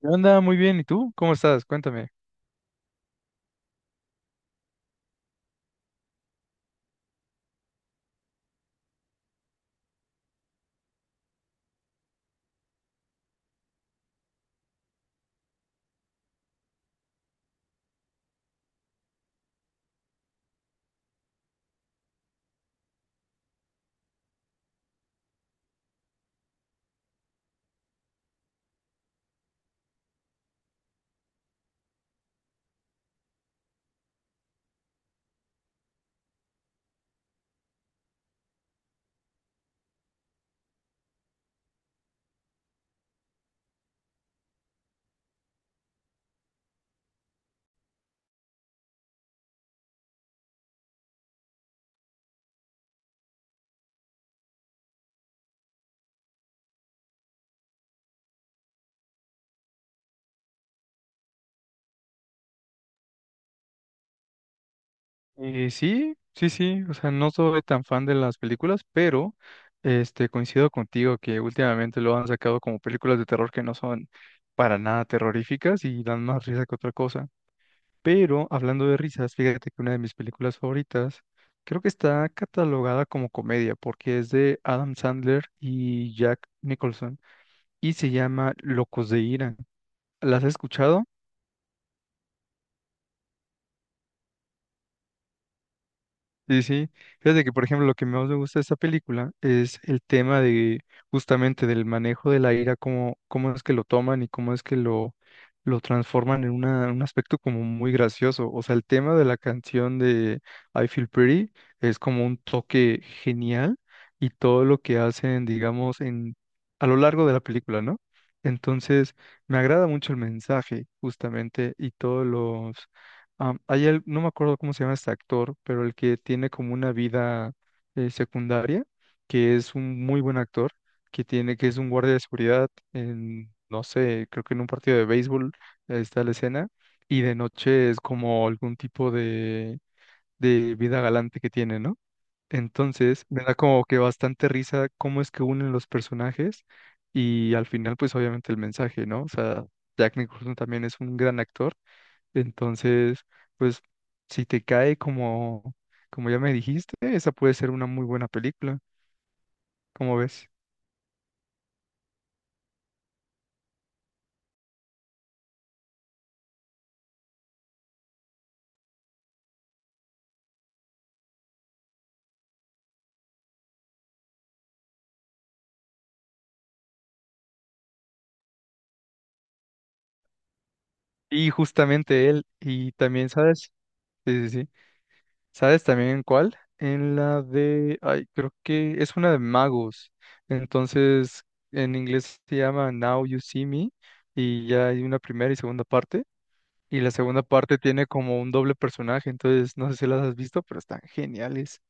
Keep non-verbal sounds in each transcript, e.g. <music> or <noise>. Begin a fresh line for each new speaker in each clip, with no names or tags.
¿Qué onda? Muy bien. ¿Y tú? ¿Cómo estás? Cuéntame. Sí, sí, sí. O sea, no soy tan fan de las películas, pero este, coincido contigo que últimamente lo han sacado como películas de terror que no son para nada terroríficas y dan más risa que otra cosa. Pero hablando de risas, fíjate que una de mis películas favoritas creo que está catalogada como comedia porque es de Adam Sandler y Jack Nicholson y se llama Locos de Ira. ¿Las has escuchado? Sí, sí. Fíjate que, por ejemplo, lo que más me gusta de esta película es el tema de justamente del manejo de la ira, cómo, cómo es que lo toman y cómo es que lo transforman en un aspecto como muy gracioso. O sea, el tema de la canción de I Feel Pretty es como un toque genial y todo lo que hacen, digamos, en, a lo largo de la película, ¿no? Entonces, me agrada mucho el mensaje, justamente, y todos los no me acuerdo cómo se llama este actor, pero el que tiene como una vida secundaria, que es un muy buen actor, que tiene, que es un guardia de seguridad en, no sé, creo que en un partido de béisbol, está la escena, y de noche es como algún tipo de vida galante que tiene, ¿no? Entonces, me da como que bastante risa cómo es que unen los personajes y al final, pues obviamente el mensaje, ¿no? O sea, Jack Nicholson también es un gran actor, entonces, pues si te cae como, como ya me dijiste, esa puede ser una muy buena película, como ves? Y justamente él, y también, ¿sabes? Sí, sí, sí. ¿Sabes también en cuál? En la de, ay, creo que es una de magos. Entonces, en inglés se llama Now You See Me, y ya hay una primera y segunda parte. Y la segunda parte tiene como un doble personaje, entonces no sé si las has visto, pero están geniales.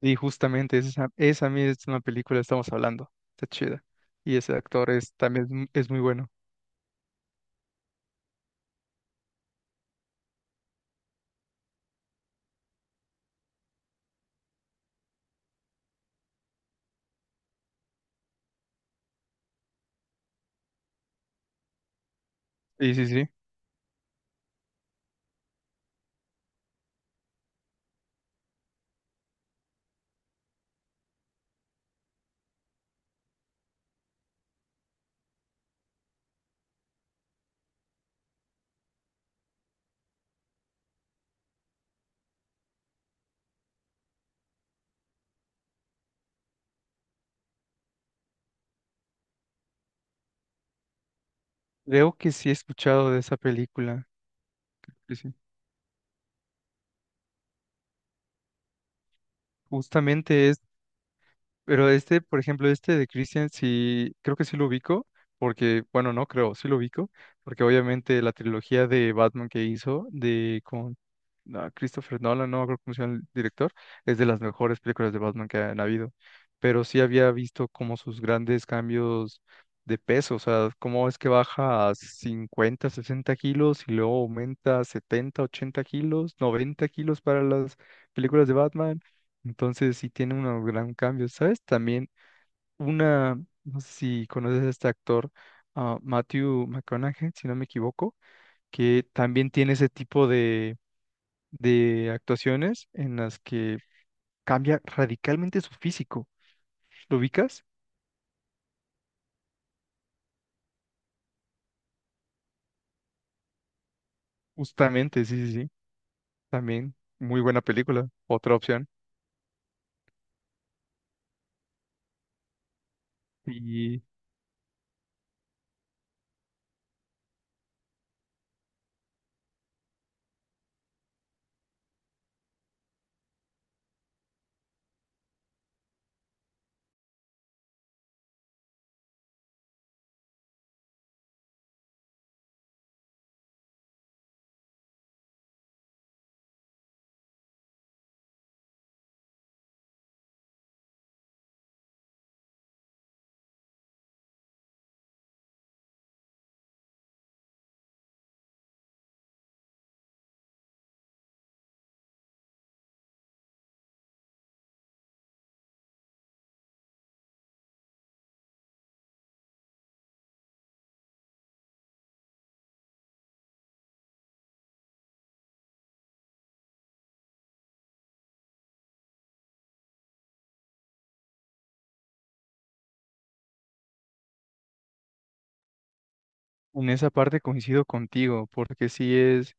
Y justamente esa, esa misma película estamos hablando. Está chida. Y ese actor es también es es muy bueno. Sí, sí, sí. Creo que sí he escuchado de esa película. Sí, sí. Justamente pero este, por ejemplo, este de Christian, sí, creo que sí lo ubico, porque, bueno, no creo, sí lo ubico, porque obviamente la trilogía de Batman que hizo de con Christopher Nolan, no me acuerdo cómo se llama el director, es de las mejores películas de Batman que han habido. Pero sí había visto como sus grandes cambios de peso, o sea, cómo es que baja a 50, 60 kilos y luego aumenta a 70, 80 kilos, 90 kilos para las películas de Batman, entonces sí tiene un gran cambio, ¿sabes? También una, no sé si conoces a este actor, Matthew McConaughey, si no me equivoco, que también tiene ese tipo de actuaciones en las que cambia radicalmente su físico. ¿Lo ubicas? Justamente, sí, sí, sí. También muy buena película, otra opción. Y en esa parte coincido contigo, porque sí es,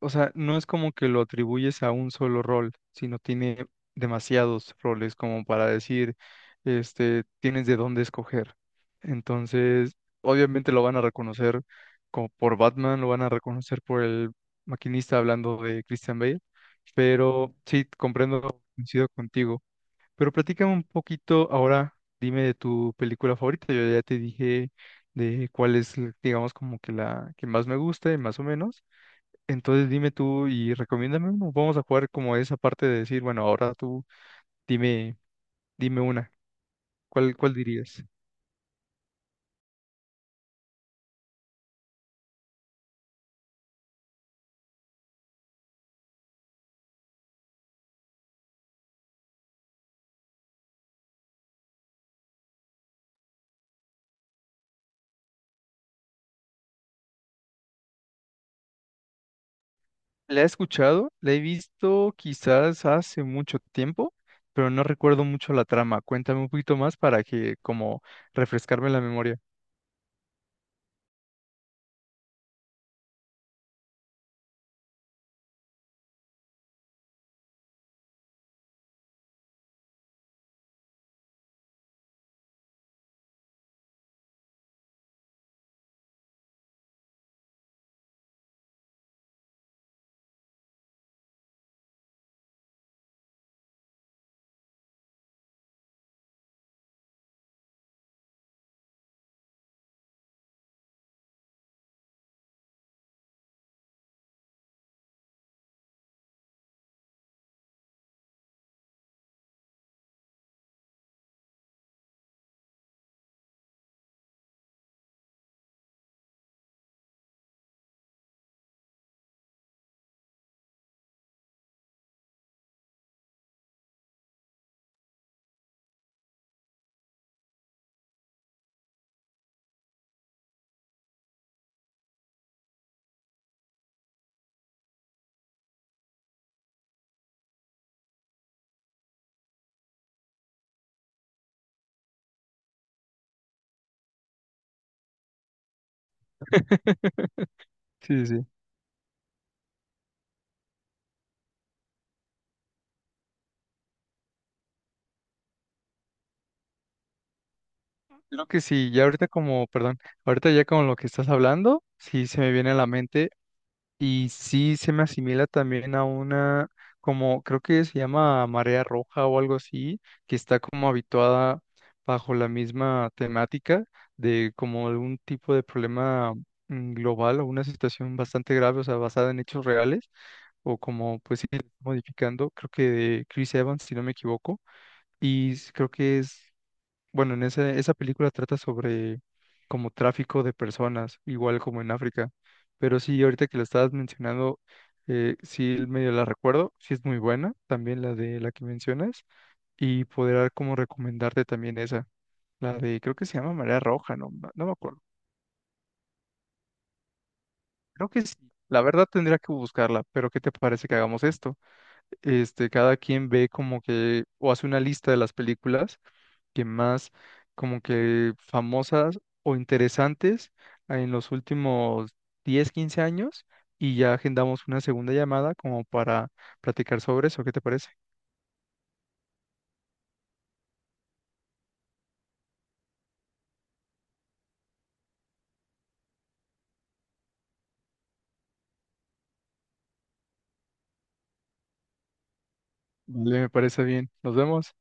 o sea, no es como que lo atribuyes a un solo rol, sino tiene demasiados roles como para decir, este, tienes de dónde escoger. Entonces, obviamente lo van a reconocer como por Batman, lo van a reconocer por el maquinista hablando de Christian Bale, pero sí, comprendo, coincido contigo. Pero platícame un poquito ahora, dime de tu película favorita. Yo ya te dije de cuál es, digamos, como que la que más me gusta, y más o menos. Entonces dime tú y recomiéndame uno. Vamos a jugar como esa parte de decir, bueno, ahora tú dime, dime una. ¿Cuál, cuál dirías? La he escuchado, la he visto quizás hace mucho tiempo, pero no recuerdo mucho la trama. Cuéntame un poquito más para que como refrescarme la memoria. <laughs> Sí, sí. Creo que sí, ya ahorita como, perdón, ahorita ya con lo que estás hablando, sí se me viene a la mente. Y sí se me asimila también a una, como creo que se llama marea roja o algo así, que está como habituada bajo la misma temática de como algún tipo de problema global, o una situación bastante grave, o sea, basada en hechos reales, o como pues sí, modificando, creo que de Chris Evans, si no me equivoco, y creo que es, bueno, en ese, esa película trata sobre como tráfico de personas, igual como en África. Pero sí, ahorita que lo estabas mencionando, sí medio la recuerdo, sí es muy buena, también la de la que mencionas, y podrá como recomendarte también esa, la de, creo que se llama Marea Roja, no, no no me acuerdo. Creo que sí. La verdad tendría que buscarla, pero ¿qué te parece que hagamos esto? Este, cada quien ve como que, o hace una lista de las películas que más como que famosas o interesantes en los últimos 10 15 años, y ya agendamos una segunda llamada como para platicar sobre eso. ¿Qué te parece? Vale, me parece bien. Nos vemos.